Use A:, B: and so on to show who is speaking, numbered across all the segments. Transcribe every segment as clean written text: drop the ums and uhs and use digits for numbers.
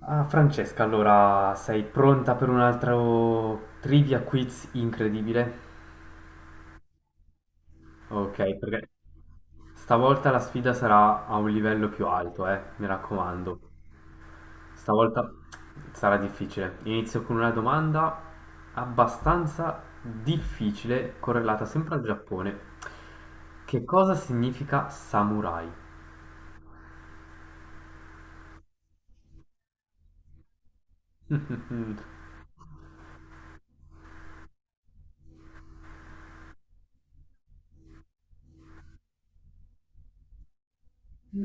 A: Ah, Francesca, allora sei pronta per un altro trivia quiz incredibile? Ok, perché stavolta la sfida sarà a un livello più alto, mi raccomando. Stavolta sarà difficile. Inizio con una domanda abbastanza difficile, correlata sempre al Giappone. Che cosa significa samurai? Mm,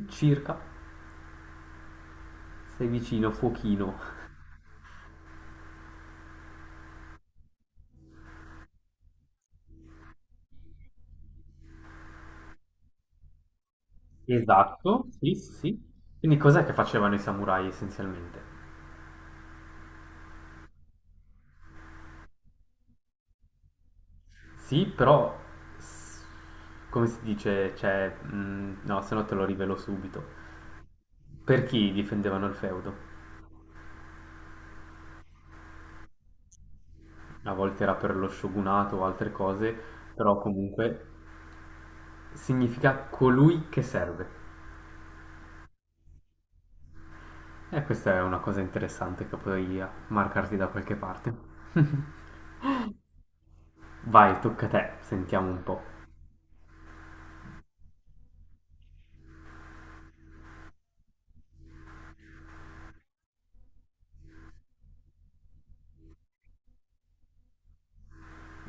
A: circa, sei vicino, fuochino. Esatto, sì, sì, sì. Quindi cos'è che facevano i samurai essenzialmente? Sì, però, s- come si dice, cioè, no, se no te lo rivelo subito. Per chi difendevano il feudo? A volte era per lo shogunato o altre cose, però comunque significa colui che serve. E questa è una cosa interessante che puoi marcarti da qualche parte. Vai, tocca a te, sentiamo un po'.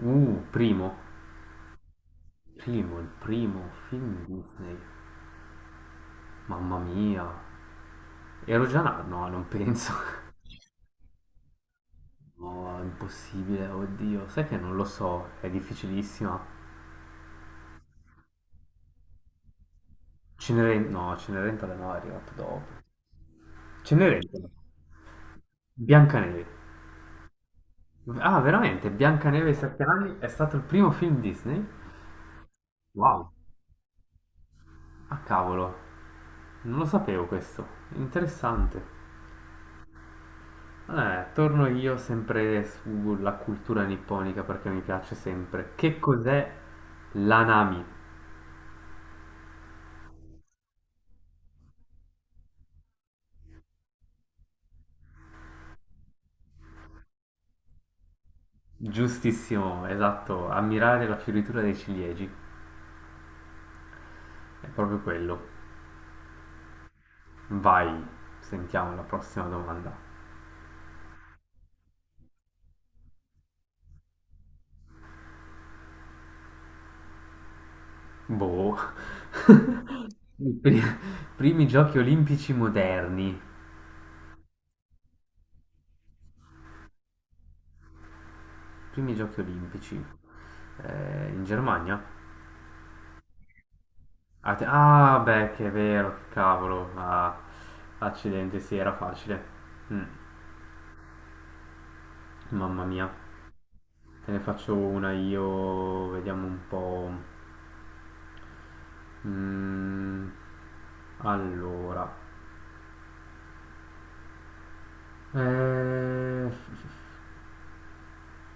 A: Primo. Primo, il primo film Disney. Mamma mia. Ero già là? No, non penso. No, è impossibile, oddio. Sai che non lo so, è difficilissima. Cenerentola no, è arrivato dopo. Cenerentola. Biancaneve. Ah, veramente, Biancaneve e i sette anni è stato il primo film Disney? Wow. Ah, cavolo. Non lo sapevo questo. Interessante. Torno io sempre sulla cultura nipponica perché mi piace sempre. Che cos'è l'anami? Giustissimo, esatto, ammirare la fioritura dei ciliegi. È proprio quello. Vai, sentiamo la prossima domanda. Boh. I pri- Primi giochi olimpici moderni. Primi giochi olimpici. In Germania? Ah, beh, che è vero, che cavolo. Ah, accidente, sì, era facile. Mm. Mamma mia, te ne faccio una io, vediamo un po'. Mm, allora, Eh,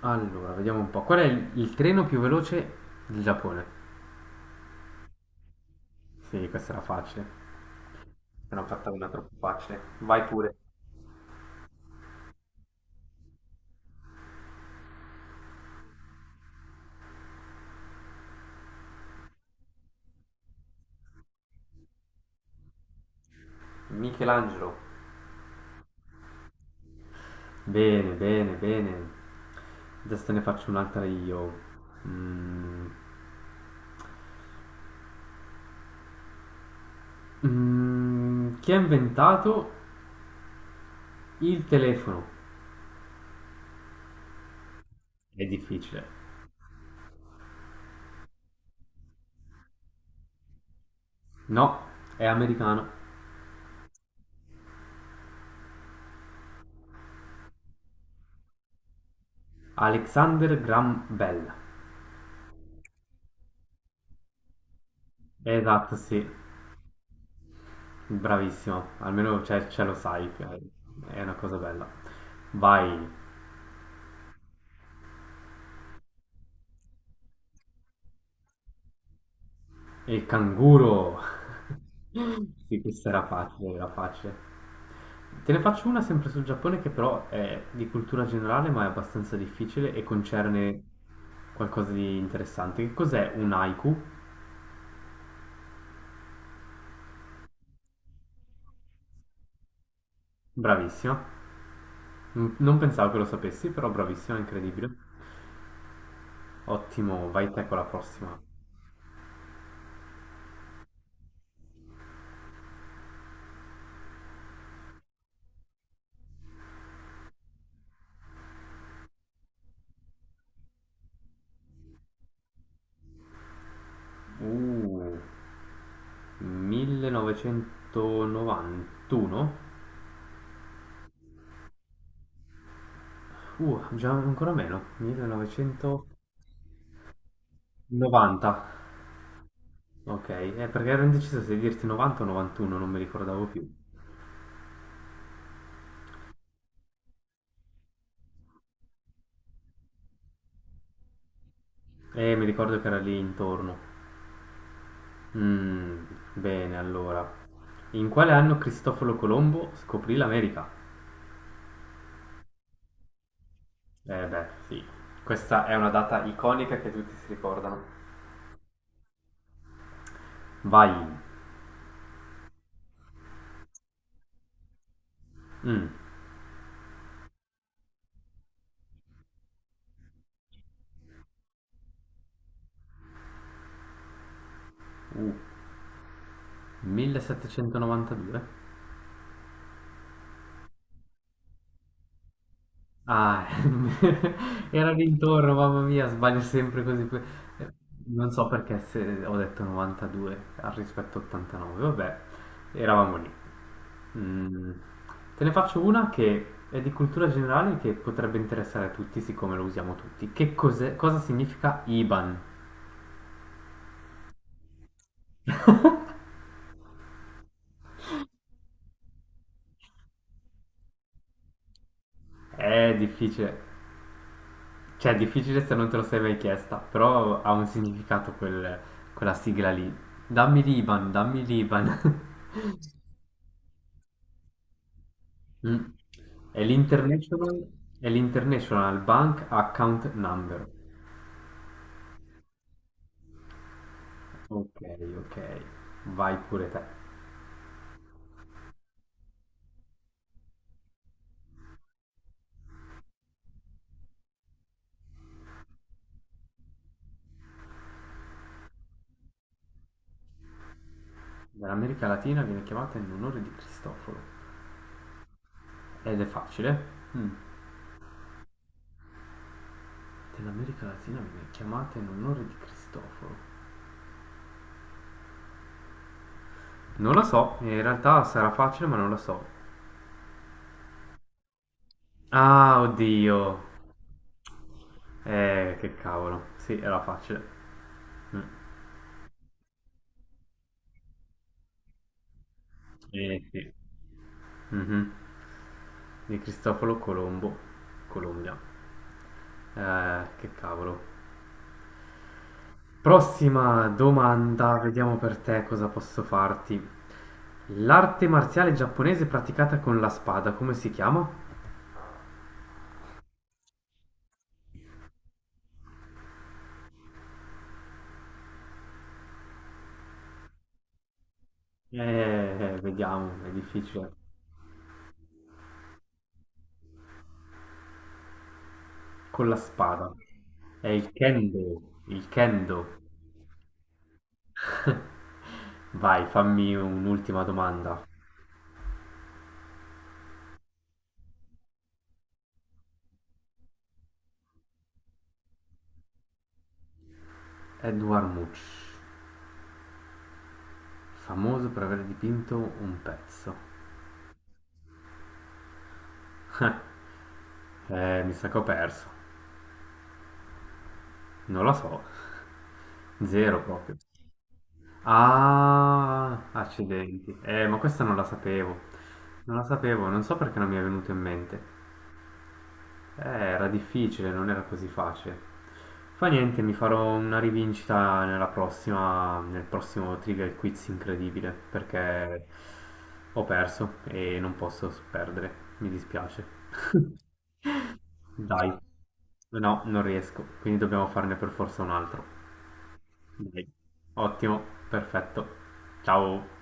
A: allora, vediamo un po'. Qual è il treno più veloce del Giappone? Sì, questa era facile. Ne ho fatta una troppo facile. Vai pure. Michelangelo. Bene, bene, bene. Adesso te ne faccio un'altra io. Mm, chi ha inventato il telefono? È difficile. No, è americano. Alexander Graham Bell. Esatto, sì, bravissimo. Almeno ce lo sai, che è una cosa bella. Vai, il canguro. Sì, questa era facile, era facile. Te ne faccio una sempre sul Giappone che però è di cultura generale, ma è abbastanza difficile e concerne qualcosa di interessante. Che cos'è un haiku? Bravissima. Mm, non pensavo che lo sapessi, però bravissima, incredibile. Ottimo, vai te con la prossima. Uh, 1991? Già ancora meno. 1990. Ok, perché ero indeciso se dirti 90 o 91, non mi ricordavo più. Mi ricordo che era lì intorno. Mm, bene, allora. In quale anno Cristoforo Colombo scoprì l'America? Eh beh, sì. Questa è una data iconica che tutti si ricordano. Vai. Mm, 1792? Ah, era l'intorno, mamma mia, sbaglio sempre così. Eh, Non so perché se ho detto 92 al rispetto 89, vabbè, eravamo lì. Mm, te ne faccio una che è di cultura generale che potrebbe interessare a tutti, siccome lo usiamo tutti. Che cos'è, cosa significa IBAN? È difficile, cioè è difficile se non te lo sei mai chiesta, però ha un significato quella sigla lì. Dammi l'IBAN, dammi l'IBAN. Mm. È l'International, è l'International Bank Account Number. Ok, ok. Vai pure te. Dall'America Latina viene chiamata in onore di Cristoforo. Ed è facile. Mm. Dell'America Latina viene chiamata in onore di Cristoforo. Non la so, in realtà sarà facile, ma non la so. Ah, oddio. Che cavolo. Sì, era facile. Mm. Sì. Mhm. Di Cristoforo Colombo, Colombia. Che cavolo. Prossima domanda, vediamo per te cosa posso farti. L'arte marziale giapponese praticata con la spada, come si chiama? Vediamo, è difficile. Con la spada. È il kendo, il kendo. Vai, fammi un'ultima domanda. Edward Much, famoso per aver dipinto un pezzo. Mi sa che ho perso. Non lo so. Zero proprio. Ah, accidenti. Ma questa non la sapevo. Non la sapevo, non so perché non mi è venuto in mente. Era difficile, non era così facile. Fa niente, mi farò una rivincita nella prossima, nel prossimo Trivial Quiz incredibile, perché ho perso e non posso perdere. Mi dispiace. Dai. No, non riesco, quindi dobbiamo farne per forza un altro. Dai. Ottimo, perfetto. Ciao.